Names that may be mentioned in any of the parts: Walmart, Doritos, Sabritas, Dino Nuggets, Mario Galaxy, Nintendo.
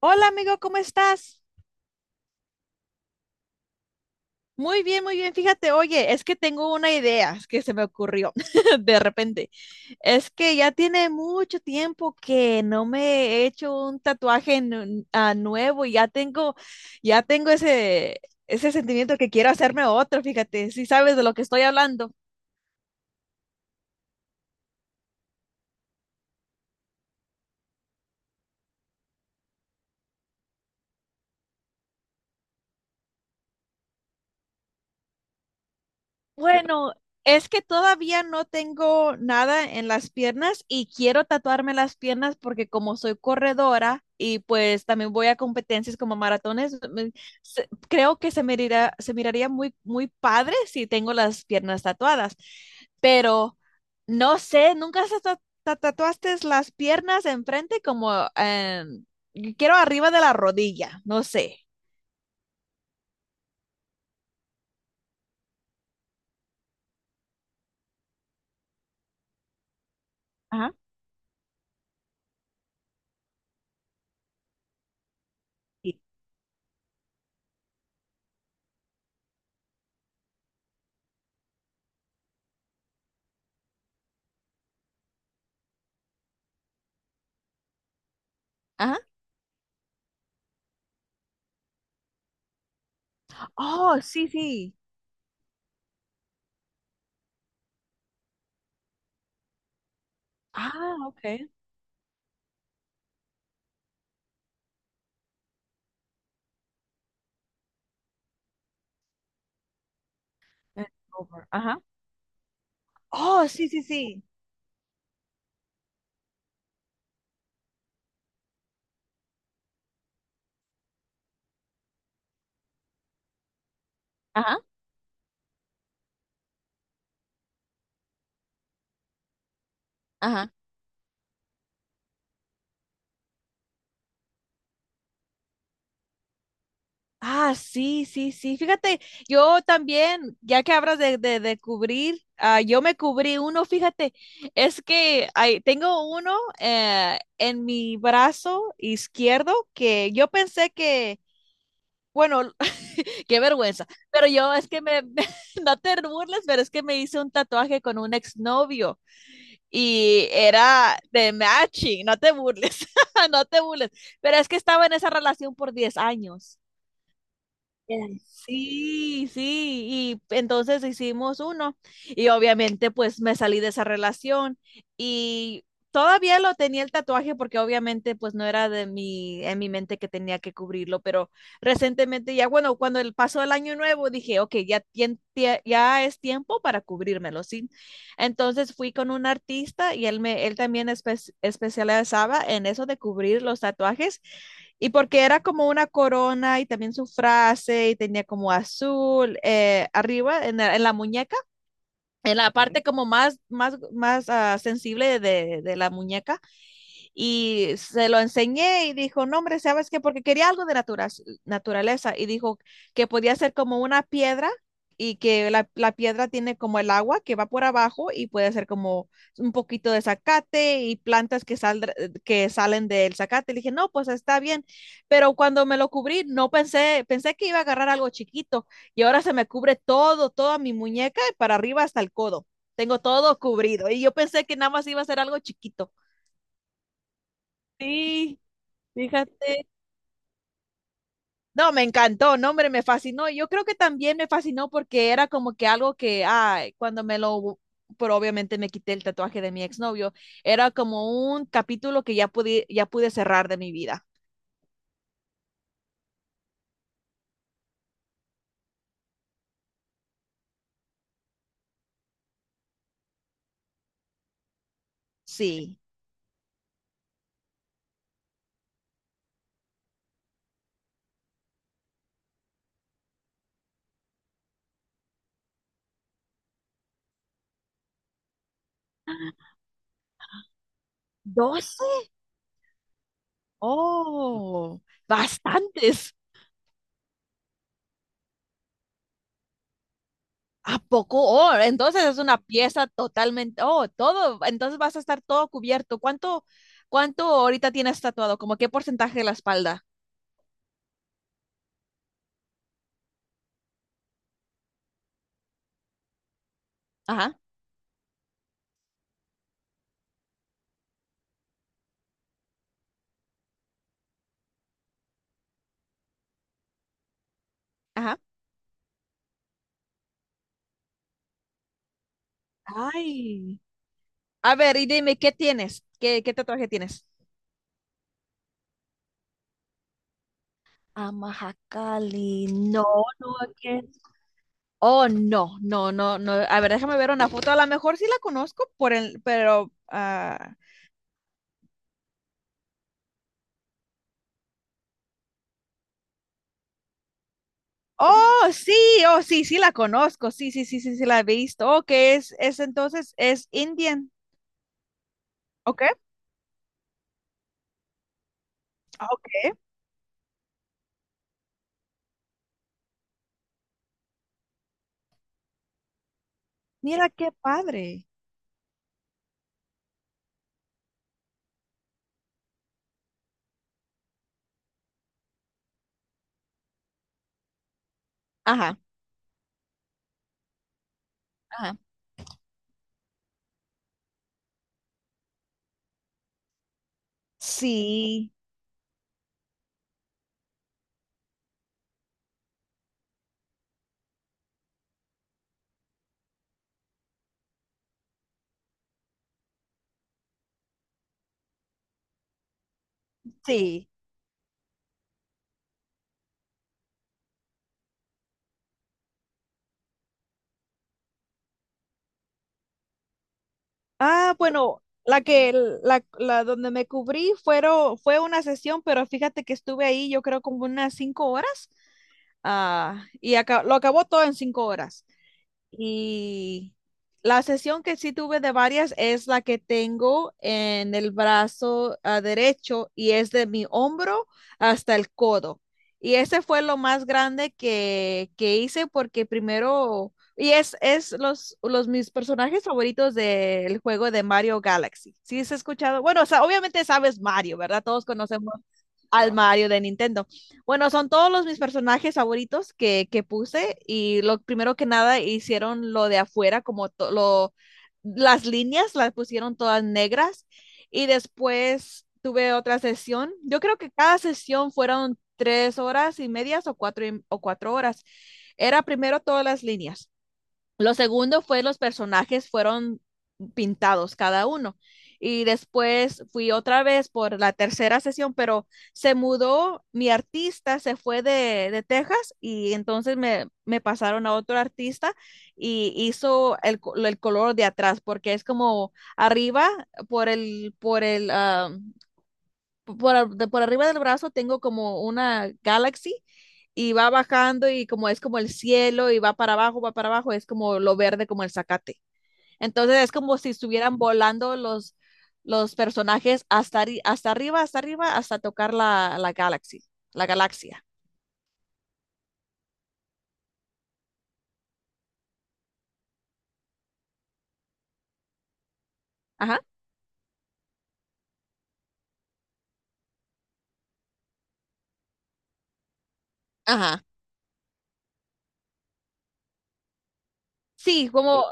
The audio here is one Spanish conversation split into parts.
Hola amigo, ¿cómo estás? Muy bien, muy bien. Fíjate, oye, es que tengo una idea que se me ocurrió de repente. Es que ya tiene mucho tiempo que no me he hecho un tatuaje nuevo y ya tengo ese sentimiento que quiero hacerme otro, fíjate, si sabes de lo que estoy hablando. Bueno, es que todavía no tengo nada en las piernas y quiero tatuarme las piernas porque como soy corredora y pues también voy a competencias como maratones, creo que se miraría muy, muy padre si tengo las piernas tatuadas. Pero no sé, nunca se tatuaste las piernas enfrente como quiero arriba de la rodilla, no sé. Ajá. Sí. Ajá. Oh, sí, sí. Ah, ok. En Over. Ajá, oh, sí, sí, sí. Ajá, ajá. Ah, sí, sí, sí. Fíjate, yo también, ya que hablas de cubrir, yo me cubrí uno, fíjate, es que tengo uno en mi brazo izquierdo que yo pensé que, bueno, qué vergüenza. Pero yo es que no te burles, pero es que me hice un tatuaje con un exnovio y era de matching, no te burles, no te burles. Pero es que estaba en esa relación por 10 años. Eran- Sí, sí, y entonces hicimos uno y obviamente pues me salí de esa relación y todavía lo tenía el tatuaje porque obviamente pues no era de mi, en mi mente que tenía que cubrirlo, pero recientemente ya bueno, cuando el pasó el año nuevo dije, ok, ya, ya es tiempo para cubrírmelo, ¿sí? Entonces fui con un artista y él también especializaba en eso de cubrir los tatuajes y porque era como una corona y también su frase y tenía como azul arriba en la muñeca en la parte como más, más, más sensible de la muñeca. Y se lo enseñé y dijo, no, hombre, ¿sabes qué? Porque quería algo de naturaleza. Y dijo que podía ser como una piedra y que la piedra tiene como el agua que va por abajo y puede ser como un poquito de zacate y plantas que salen del zacate. Le dije, no, pues está bien. Pero cuando me lo cubrí, no pensé, pensé que iba a agarrar algo chiquito y ahora se me cubre todo, toda mi muñeca, y para arriba hasta el codo. Tengo todo cubrido. Y yo pensé que nada más iba a ser algo chiquito. Sí, fíjate. No, me encantó, no, hombre, me fascinó. Yo creo que también me fascinó porque era como que algo que, ay, cuando me lo, pero obviamente me quité el tatuaje de mi exnovio, era como un capítulo que ya pude cerrar de mi vida. Sí. ¿12? Oh, bastantes. ¿A poco? Oh, entonces es una pieza totalmente, oh, todo, entonces vas a estar todo cubierto. ¿Cuánto ahorita tienes tatuado? ¿Como qué porcentaje de la espalda? Ajá, ajá. Ay, a ver, y dime, ¿qué tienes? ¿Qué tatuaje tienes? A Amahakali, no, no, ¿qué es? Oh, no, no, no, no. A ver, déjame ver una foto. A lo mejor sí la conozco por el, pero, ah, oh, sí, oh, sí, sí la conozco. Sí, sí, sí, sí, sí la he visto. Oh, que es entonces, es Indian. Ok, ok. Mira qué padre. Ajá, ajá. Sí, sí. Ah, bueno, la donde me cubrí fue una sesión, pero fíjate que estuve ahí yo creo como unas 5 horas. Ah, y lo acabó todo en 5 horas. Y la sesión que sí tuve de varias es la que tengo en el brazo derecho y es de mi hombro hasta el codo. Y ese fue lo más grande que hice porque primero, y es los mis personajes favoritos del juego de Mario Galaxy. ¿Sí has escuchado? Bueno, o sea, obviamente sabes Mario, ¿verdad? Todos conocemos al Mario de Nintendo. Bueno, son todos los mis personajes favoritos que puse y lo primero que nada hicieron lo de afuera, como lo, las líneas las pusieron todas negras y después tuve otra sesión. Yo creo que cada sesión fueron 3 horas y medias o cuatro, o 4 horas. Era primero todas las líneas. Lo segundo fue los personajes fueron pintados cada uno. Y después fui otra vez por la tercera sesión, pero se mudó, mi artista se fue de Texas y entonces me pasaron a otro artista y hizo el color de atrás, porque es como arriba por el, ah, por, ar- de- por arriba del brazo tengo como una Galaxy y va bajando y como es como el cielo y va para abajo, es como lo verde, como el zacate. Entonces es como si estuvieran volando los personajes hasta arriba, hasta arriba, hasta tocar la Galaxy, la galaxia. Ajá, ajá. Sí, como,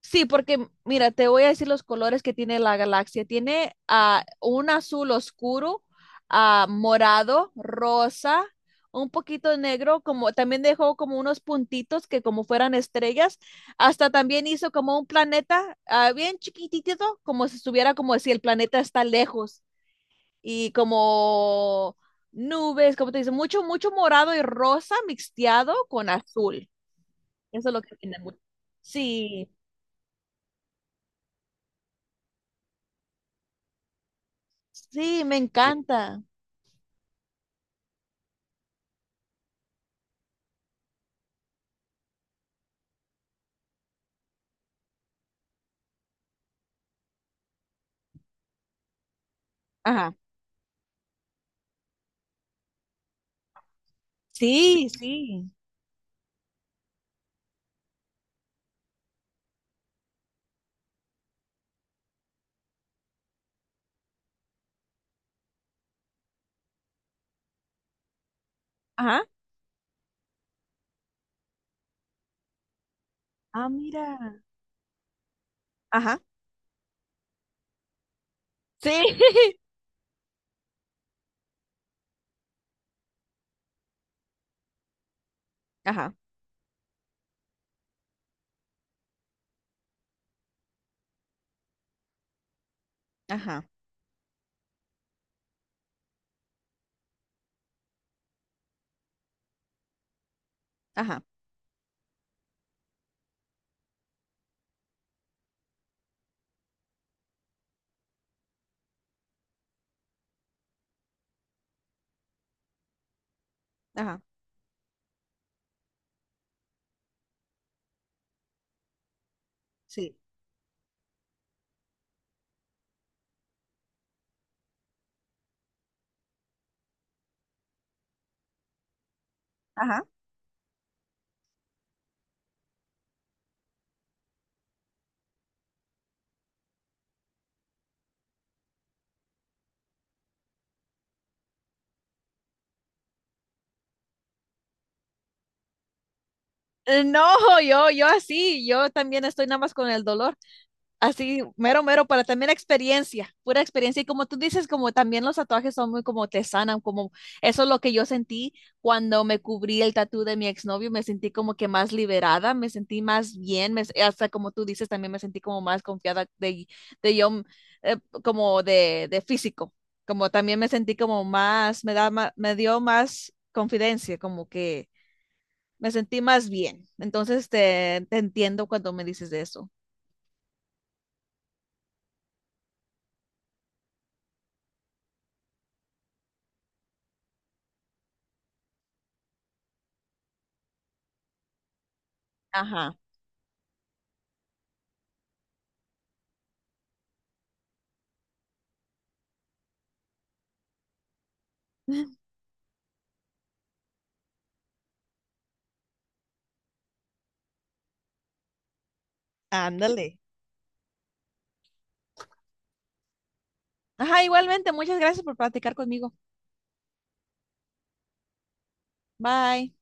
sí, porque mira, te voy a decir los colores que tiene la galaxia. Tiene un azul oscuro, morado, rosa, un poquito negro, como también dejó como unos puntitos que como fueran estrellas. Hasta también hizo como un planeta bien chiquitito, como si estuviera como si el planeta está lejos y como nubes, como te dice, mucho, mucho morado y rosa mixteado con azul. Eso es lo que tiene. Sí. Sí, me encanta. Ajá, sí, sí. Ajá, ah, mira. Ajá, sí, ajá, ajá, ajá, ajá, sí. Ajá. No, yo así, yo también estoy nada más con el dolor. Así, mero, mero, para también experiencia, pura experiencia. Y como tú dices, como también los tatuajes son muy como te sanan, como eso es lo que yo sentí cuando me cubrí el tatú de mi exnovio, me sentí como que más liberada, me sentí más bien, hasta como tú dices, también me sentí como más confiada de yo, eh, como de físico, como también me sentí como más, me dio más confidencia, como que me sentí más bien. Entonces te entiendo cuando me dices de eso. Ajá. Ándale. Ajá, igualmente, muchas gracias por platicar conmigo. Bye.